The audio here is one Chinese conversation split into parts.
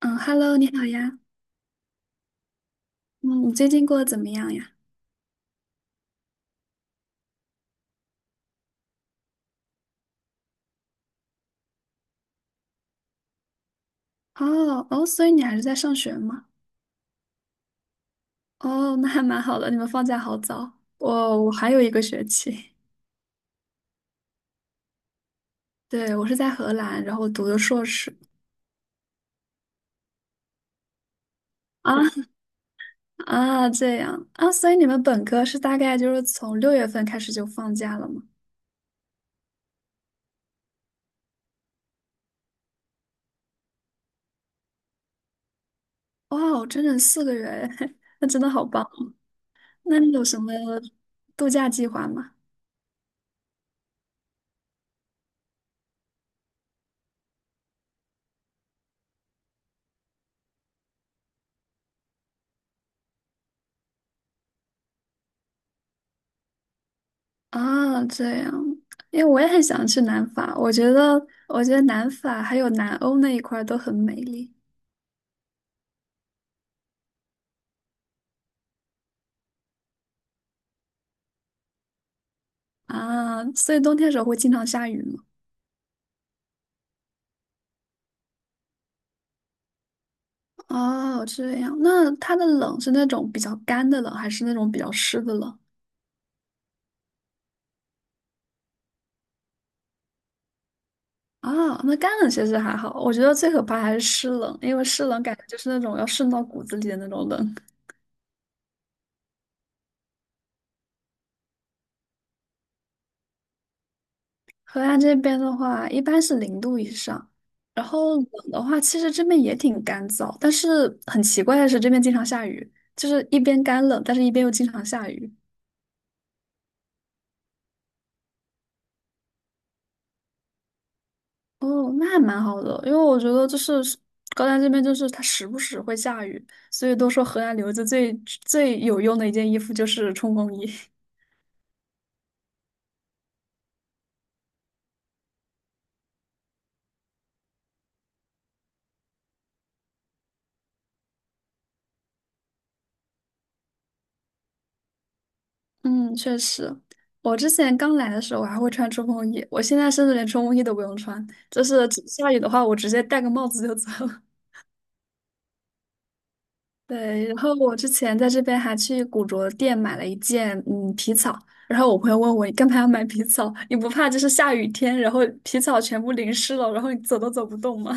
嗯，Hello，你好呀。嗯，你最近过得怎么样呀？哦哦，所以你还是在上学吗？哦，那还蛮好的，你们放假好早。我还有一个学期。对，我是在荷兰，然后读的硕士。啊 啊，这样啊，所以你们本科是大概就是从6月份开始就放假了吗？哇哦，整整4个月，那真的好棒。那你有什么度假计划吗？啊，这样，因为我也很想去南法，我觉得，我觉得南法还有南欧那一块儿都很美丽。啊，所以冬天的时候会经常下雨吗？哦，这样，那它的冷是那种比较干的冷，还是那种比较湿的冷？啊，那干冷其实还好，我觉得最可怕还是湿冷，因为湿冷感觉就是那种要渗到骨子里的那种冷。河南这边的话，一般是0度以上，然后冷的话，其实这边也挺干燥，但是很奇怪的是，这边经常下雨，就是一边干冷，但是一边又经常下雨。哦，那还蛮好的，因为我觉得就是高丹这边就是它时不时会下雨，所以都说河南留子最有用的一件衣服就是冲锋衣。嗯，确实，我之前刚来的时候我还会穿冲锋衣，我现在甚至连冲锋衣都不用穿，就是只下雨的话，我直接戴个帽子就走。对，然后我之前在这边还去古着店买了一件嗯皮草，然后我朋友问我你干嘛要买皮草？你不怕就是下雨天，然后皮草全部淋湿了，然后你走都走不动吗？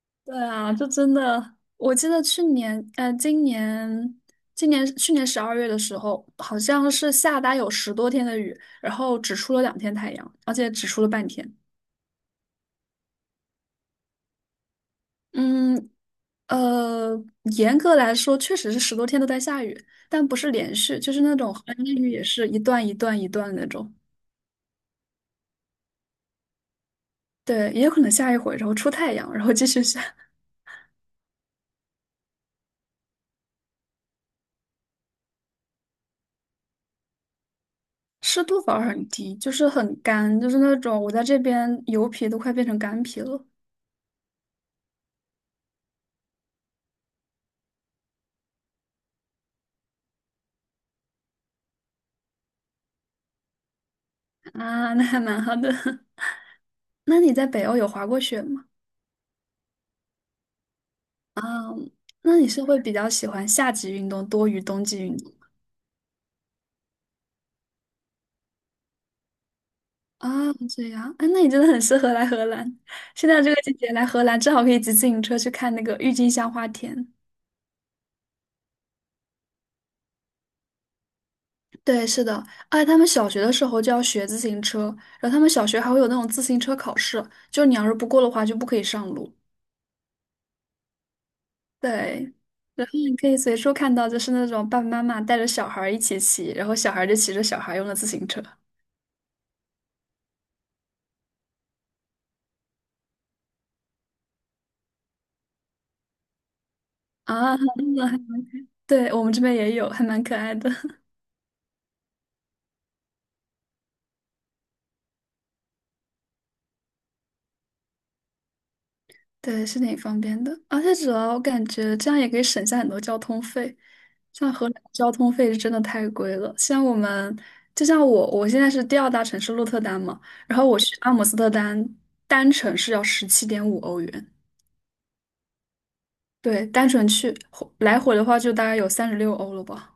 对啊，就真的，我记得去年，呃，今年今年去年12月的时候，好像是下大概有十多天的雨，然后只出了2天太阳，而且只出了半天。嗯，呃，严格来说，确实是十多天都在下雨，但不是连续，就是那种横境雨，也是一段一段一段那种。对，也有可能下一会然后出太阳，然后继续下。湿度反而很低，就是很干，就是那种我在这边油皮都快变成干皮了。啊，那还蛮好的。那你在北欧有滑过雪吗？那你是会比较喜欢夏季运动多于冬季运动？啊，这样，啊，那你真的很适合来荷兰。现在这个季节来荷兰，正好可以骑自行车去看那个郁金香花田。对，是的，而且他们小学的时候就要学自行车，然后他们小学还会有那种自行车考试，就你要是不过的话就不可以上路。对，然后你可以随处看到，就是那种爸爸妈妈带着小孩儿一起骑，然后小孩儿就骑着小孩儿用的自行车。啊，对，我们这边也有，还蛮可爱的。对，是挺方便的，而且主要我感觉这样也可以省下很多交通费。像荷兰交通费是真的太贵了，像我们，就像我，我现在是第二大城市鹿特丹嘛，然后我去阿姆斯特丹单程是要17.5欧元，对，单程去回来回的话就大概有36欧了吧。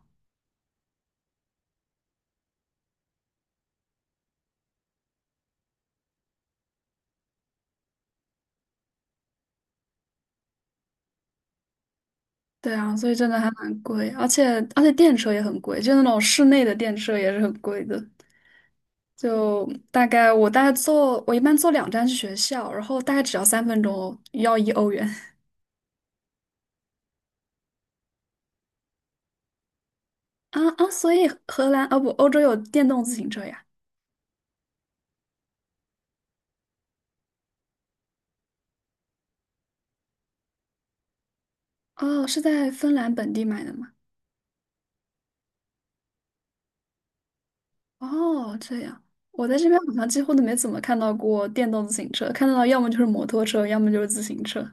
对啊，所以真的还蛮贵，而且电车也很贵，就那种室内的电车也是很贵的。就大概我大概坐，我一般坐2站去学校，然后大概只要3分钟哦要1欧元。 啊啊！所以荷兰啊不，欧洲有电动自行车呀？哦，是在芬兰本地买的吗？哦，这样，我在这边好像几乎都没怎么看到过电动自行车，看到要么就是摩托车，要么就是自行车。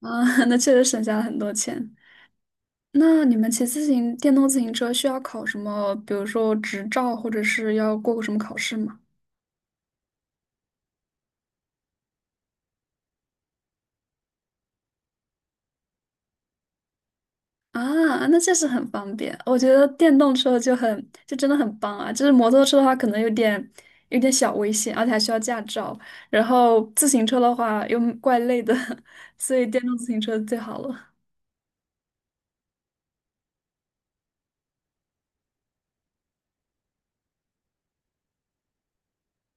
啊，那确实省下了很多钱。那你们骑自行电动自行车需要考什么，比如说执照，或者是要过个什么考试吗？啊，那确实很方便。我觉得电动车就很，就真的很棒啊。就是摩托车的话，可能有点小危险，而且还需要驾照。然后自行车的话又怪累的，所以电动自行车最好了。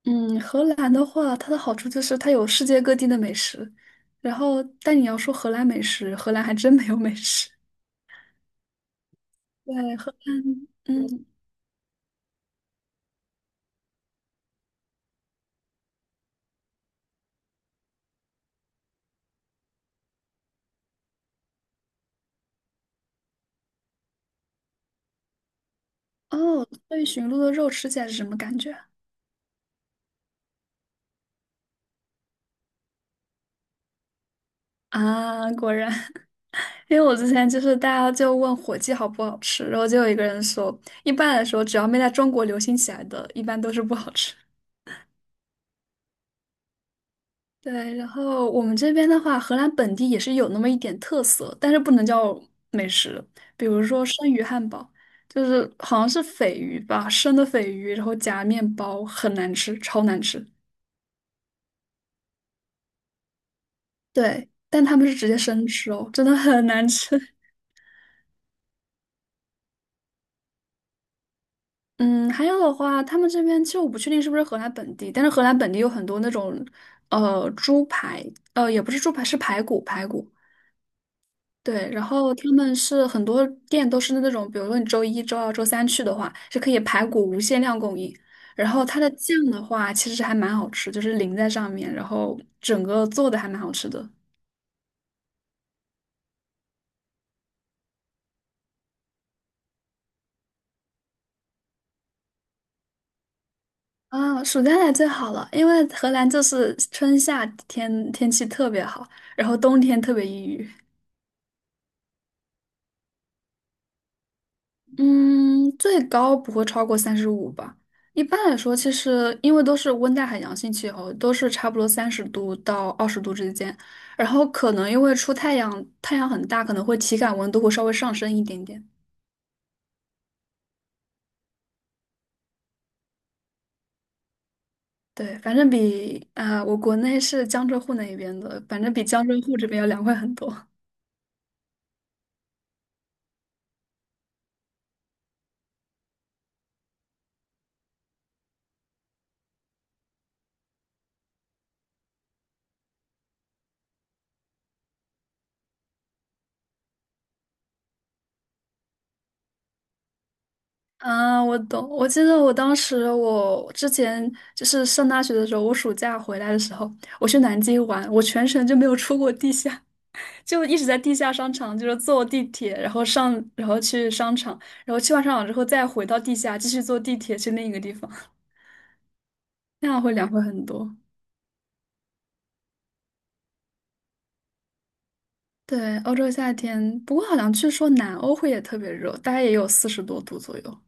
嗯，荷兰的话，它的好处就是它有世界各地的美食。然后，但你要说荷兰美食，荷兰还真没有美食。对，荷，嗯，哦，对，驯鹿的肉吃起来是什么感觉？啊，啊果然。因为我之前就是大家就问火鸡好不好吃，然后就有一个人说，一般来说只要没在中国流行起来的，一般都是不好吃。对，然后我们这边的话，荷兰本地也是有那么一点特色，但是不能叫美食，比如说生鱼汉堡，就是好像是鲱鱼吧，生的鲱鱼，然后夹面包，很难吃，超难吃。对，但他们是直接生吃哦，真的很难吃。嗯，还有的话，他们这边其实我不确定是不是荷兰本地，但是荷兰本地有很多那种，猪排，也不是猪排，是排骨，排骨。对，然后他们是很多店都是那种，比如说你周一周二周三去的话，是可以排骨无限量供应。然后它的酱的话，其实还蛮好吃，就是淋在上面，然后整个做的还蛮好吃的。啊，暑假来最好了，因为荷兰就是春夏天天气特别好，然后冬天特别抑郁。嗯，最高不会超过35吧。一般来说，其实因为都是温带海洋性气候，都是差不多30度到20度之间。然后可能因为出太阳，太阳很大，可能会体感温度会稍微上升一点点。对，反正比啊、我国内是江浙沪那一边的，反正比江浙沪这边要凉快很多。啊，我懂。我记得我当时，我之前就是上大学的时候，我暑假回来的时候，我去南京玩，我全程就没有出过地下。就一直在地下商场，就是坐地铁，然后上，然后去商场，然后去完商场之后再回到地下，继续坐地铁去另一个地方，那样会凉快很多。对，欧洲夏天，不过好像据说南欧会也特别热，大概也有40多度左右。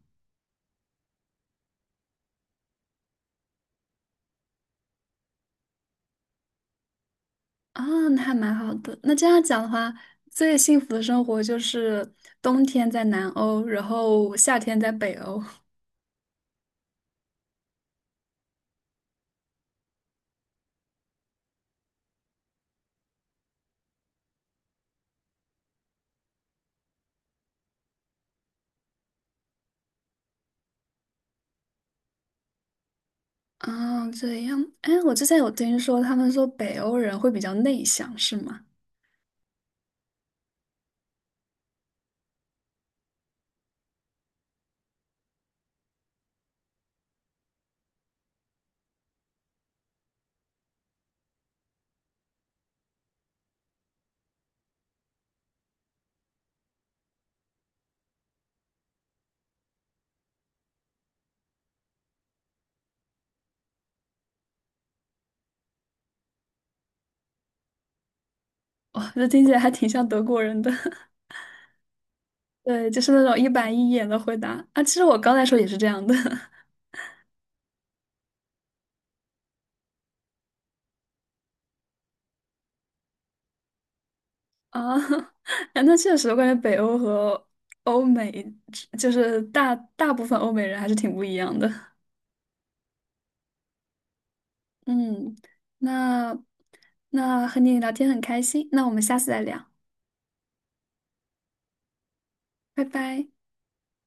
啊，那还蛮好的。那这样讲的话，最幸福的生活就是冬天在南欧，然后夏天在北欧。啊，这样，哎，我之前有听说，他们说北欧人会比较内向，是吗？哇，这听起来还挺像德国人的。对，就是那种一板一眼的回答啊。其实我刚才说也是这样的。 啊。哎那确实，我感觉北欧和欧美，就是大部分欧美人还是挺不一样的。嗯，那那和你聊天很开心，那我们下次再聊，拜拜。